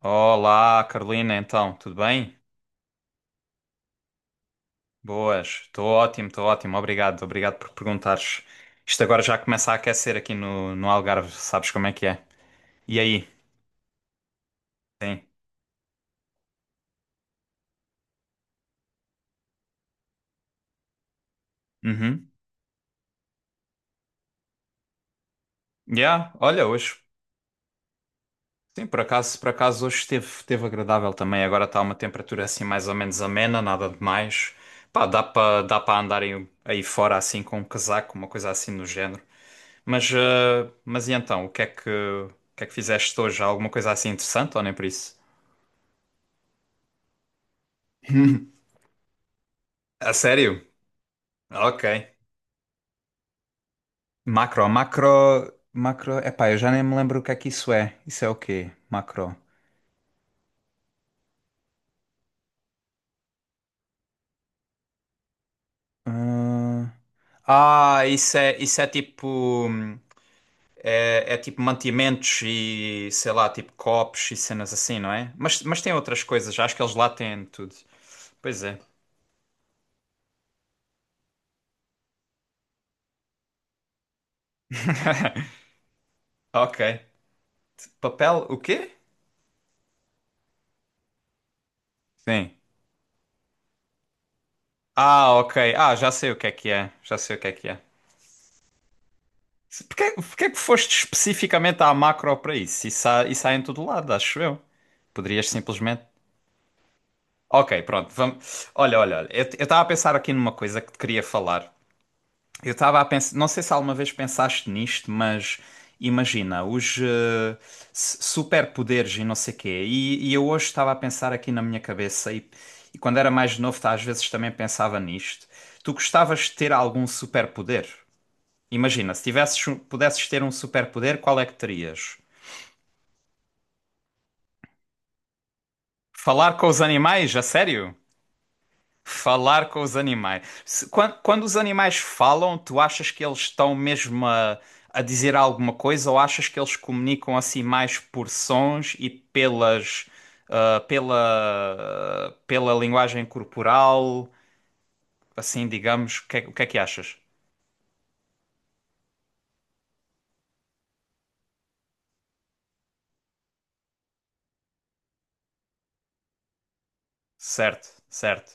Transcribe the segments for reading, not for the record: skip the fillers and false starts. Olá, Carolina, então, tudo bem? Boas, estou ótimo, obrigado, obrigado por perguntares. Isto agora já começa a aquecer aqui no Algarve, sabes como é que é? E aí? Sim. Uhum. Yeah, olha, hoje, sim, por acaso hoje esteve agradável também, agora está uma temperatura assim mais ou menos amena, nada demais. Pá, dá para andar aí fora assim com um casaco, uma coisa assim do género. Mas e então, o que é que fizeste hoje? Alguma coisa assim interessante ou nem por isso? A sério? Ok. Macro, macro, macro. Epá, eu já nem me lembro o que é que isso é. Isso é o quê? Macro. Hum. Ah, isso é tipo. Hum. É tipo mantimentos e sei lá, tipo copos e cenas assim, não é? Mas tem outras coisas, acho que eles lá têm tudo. Pois é. Ok. Papel, o quê? Sim. Ah, ok. Ah, já sei o que é que é. Já sei o que é que é. Porquê é que foste especificamente à macro para isso? Isso há em todo lado, acho eu. Poderias simplesmente. Ok, pronto, vamos. Olha, olha, olha, eu estava a pensar aqui numa coisa que te queria falar. Eu estava a pensar, não sei se alguma vez pensaste nisto, mas imagina, os superpoderes e não sei quê. E eu hoje estava a pensar aqui na minha cabeça, e quando era mais novo, tá, às vezes também pensava nisto. Tu gostavas de ter algum superpoder? Imagina, se tivesses, pudesses ter um superpoder, qual é que terias? Falar com os animais, a sério? Falar com os animais. Quando os animais falam, tu achas que eles estão mesmo a dizer alguma coisa ou achas que eles comunicam assim mais por sons e pelas, pela linguagem corporal? Assim, digamos, o que é que achas? Certo, certo,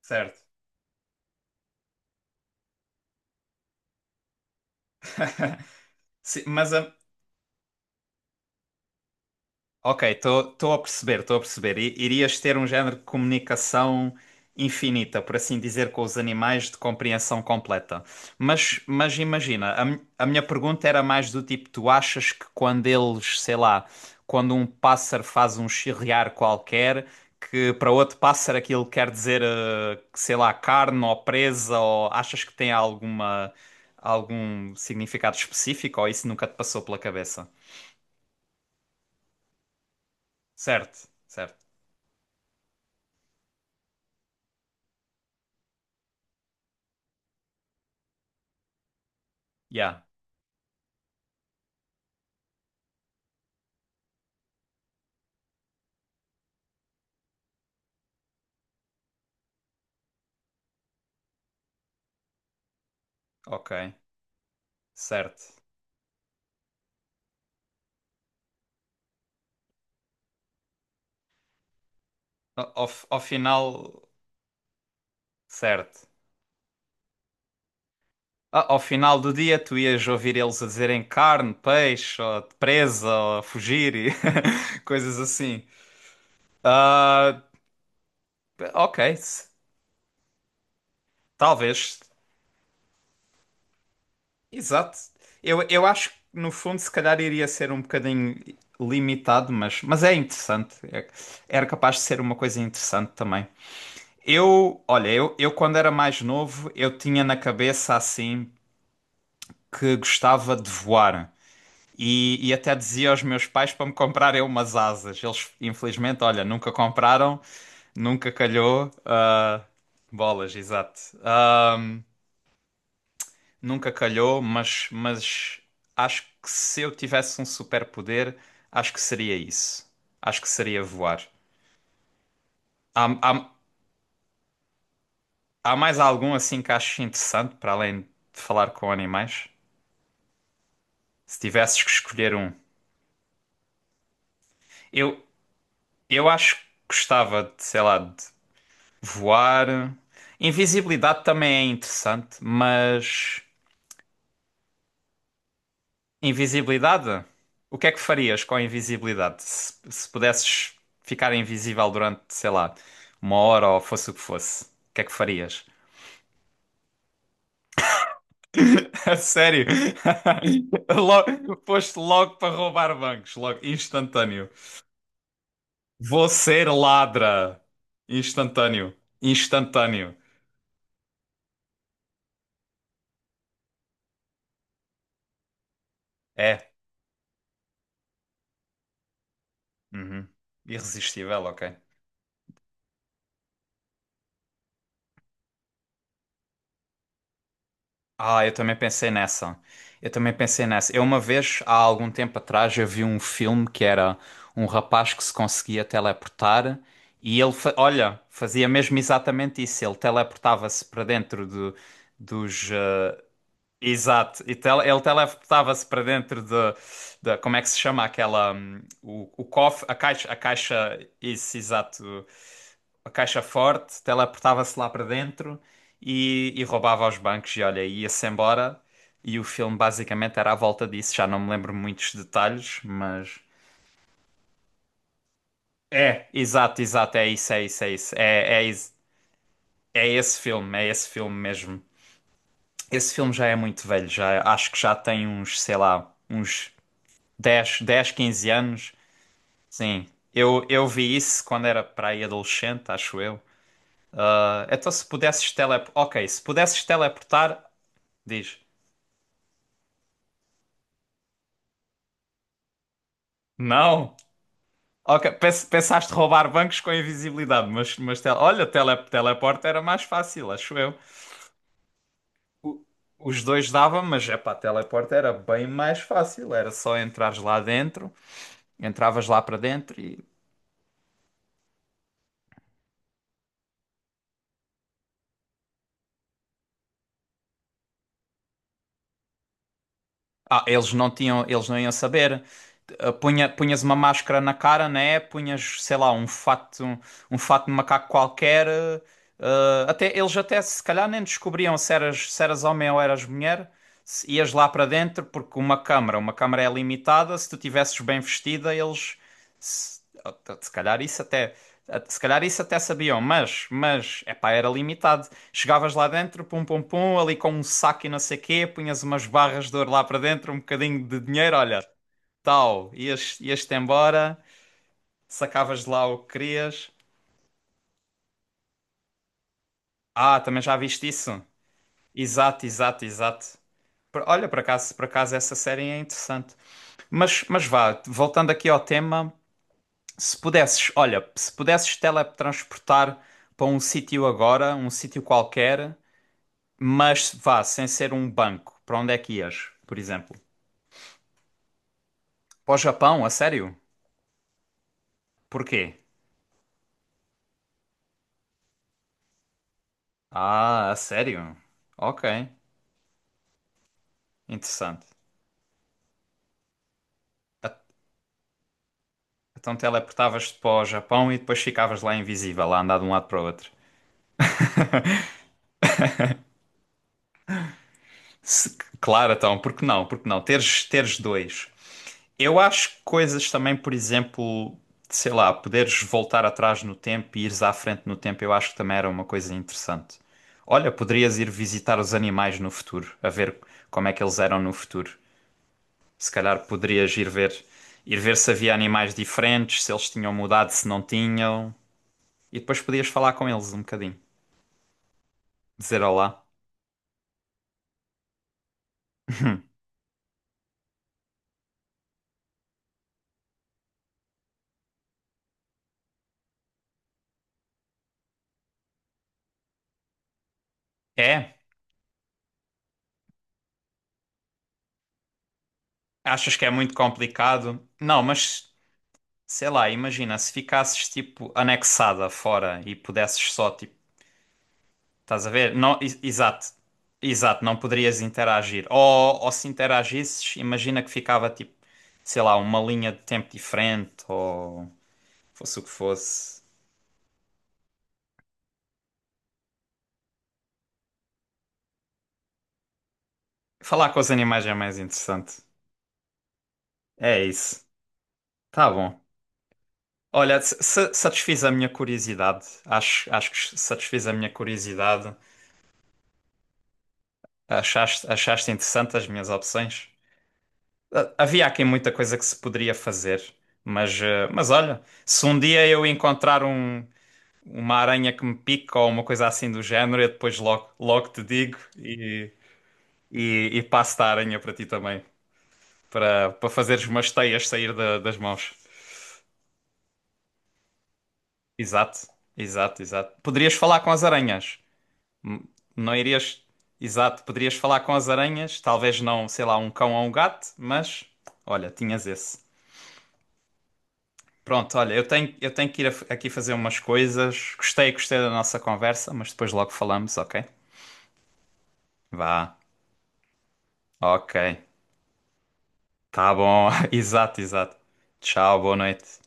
certo. Sim, ok, estou a perceber, estou a perceber. Irias ter um género de comunicação infinita, por assim dizer, com os animais de compreensão completa. Mas imagina, a minha pergunta era mais do tipo: tu achas que quando eles, sei lá, quando um pássaro faz um chirriar qualquer, que para outro pássaro aquilo quer dizer, que, sei lá, carne ou presa, ou achas que tem alguma, algum significado específico, ou isso nunca te passou pela cabeça? Certo, certo. Yeah. Ok, certo. Ao final, certo. Ao final do dia, tu ias ouvir eles a dizerem carne, peixe, ou presa, ou fugir e coisas assim. Ah, ok, talvez. Exato. Eu acho que, no fundo, se calhar iria ser um bocadinho limitado, mas é interessante. Era capaz de ser uma coisa interessante também. Olha, eu quando era mais novo, eu tinha na cabeça assim. Que gostava de voar. E até dizia aos meus pais para me comprarem umas asas. Eles, infelizmente, olha, nunca compraram, nunca calhou. Ah, bolas, exato. Ah, nunca calhou, mas acho que se eu tivesse um superpoder, acho que seria isso. Acho que seria voar. Há, há, há mais algum assim que aches interessante para além de falar com animais? Se tivesses que escolher um. Eu, eu acho que gostava de, sei lá, de voar. Invisibilidade também é interessante, mas invisibilidade? O que é que farias com a invisibilidade? Se pudesses ficar invisível durante, sei lá, uma hora ou fosse, o que é que farias? A sério? Logo, foste logo para roubar bancos, logo, instantâneo. Vou ser ladra. Instantâneo. Instantâneo. É. Uhum. Irresistível, ok. Ah, eu também pensei nessa. Eu também pensei nessa. Eu uma vez, há algum tempo atrás, eu vi um filme que era um rapaz que se conseguia teleportar e ele, olha, fazia mesmo exatamente isso. Ele teleportava-se para dentro do, dos. Exato. E ele teleportava-se para dentro de, como é que se chama aquela? O cofre, a caixa. Isso, exato, uma caixa forte, teleportava-se lá para dentro e roubava aos bancos e olha, ia-se embora. E o filme basicamente era à volta disso, já não me lembro muitos detalhes, mas é, exato, exato, é isso, é isso, é isso. É esse filme, é esse filme, mesmo. Esse filme já é muito velho, já acho que já tem uns, sei lá, uns 10 10 15 anos. Sim. Eu vi isso quando era para aí adolescente, acho eu. Ah, então se pudesses teleportar. Ok, se pudesses teleportar, diz. Não? Ok, pensaste roubar bancos com invisibilidade, mas tele- olha, tele, teleporte era mais fácil, acho eu. O- os dois dava, mas é pá, teleporte era bem mais fácil, era só entrares lá dentro, entravas lá para dentro. Ah, eles não tinham, eles não iam saber. Ah, punha, punhas uma máscara na cara, né? Punhas, sei lá, um fato de macaco qualquer. Ah, até, eles até se calhar nem descobriam se eras, se eras homem ou eras mulher. Se ias lá para dentro, porque uma câmara é limitada. Se tu tivesses bem vestida, eles se, ah, se calhar isso até, se calhar isso até sabiam, mas, epá, era limitado. Chegavas lá dentro, pum pum pum, ali com um saco e não sei quê, punhas umas barras de ouro lá para dentro, um bocadinho de dinheiro, olha, tal, ias-te embora, sacavas de lá o que querias. Ah, também já viste isso? Exato, exato, exato. Olha, por acaso essa série é interessante. Mas vá, voltando aqui ao tema, se pudesses, olha, se pudesses teletransportar para um sítio agora, um sítio qualquer, mas vá, sem ser um banco, para onde é que ias, por exemplo? Para o Japão, a sério? Porquê? Ah, a sério? Ok, interessante. A- então teleportavas-te para o Japão e depois ficavas lá invisível, a andar de um lado para o outro. Claro, então, porque não? Porque não? Teres dois. Eu acho que coisas também, por exemplo, sei lá, poderes voltar atrás no tempo e ires à frente no tempo, eu acho que também era uma coisa interessante. Olha, poderias ir visitar os animais no futuro, a ver como é que eles eram no futuro. Se calhar poderias ir ver se havia animais diferentes, se eles tinham mudado, se não tinham. E depois podias falar com eles um bocadinho. Dizer olá. É? Achas que é muito complicado? Não, mas sei lá, imagina se ficasses tipo anexada fora e pudesses só tipo. Estás a ver? Não, exato. Exato, não poderias interagir. Ou se interagisses, imagina que ficava tipo, sei lá, uma linha de tempo diferente ou fosse o que fosse. Falar com os animais é mais interessante. É isso. Tá bom. Olha, satisfiz a minha curiosidade. Acho que satisfiz a minha curiosidade. Achaste interessante as minhas opções? Ah, havia aqui muita coisa que se poderia fazer, mas olha, se um dia eu encontrar um, uma aranha que me pica ou uma coisa assim do género, eu depois logo, logo te digo e passo da aranha para ti também, para fazeres umas teias sair da- das mãos. Exato, exato, exato. Poderias falar com as aranhas. Hum. Não irias. Exato, poderias falar com as aranhas, talvez não, sei lá, um cão ou um gato, mas olha, tinhas esse. Pronto, olha, eu tenho que ir aqui fazer umas coisas. Gostei, gostei da nossa conversa, mas depois logo falamos, ok? Vá. Ok. Tá bom. Exato, exato. Tchau, boa noite.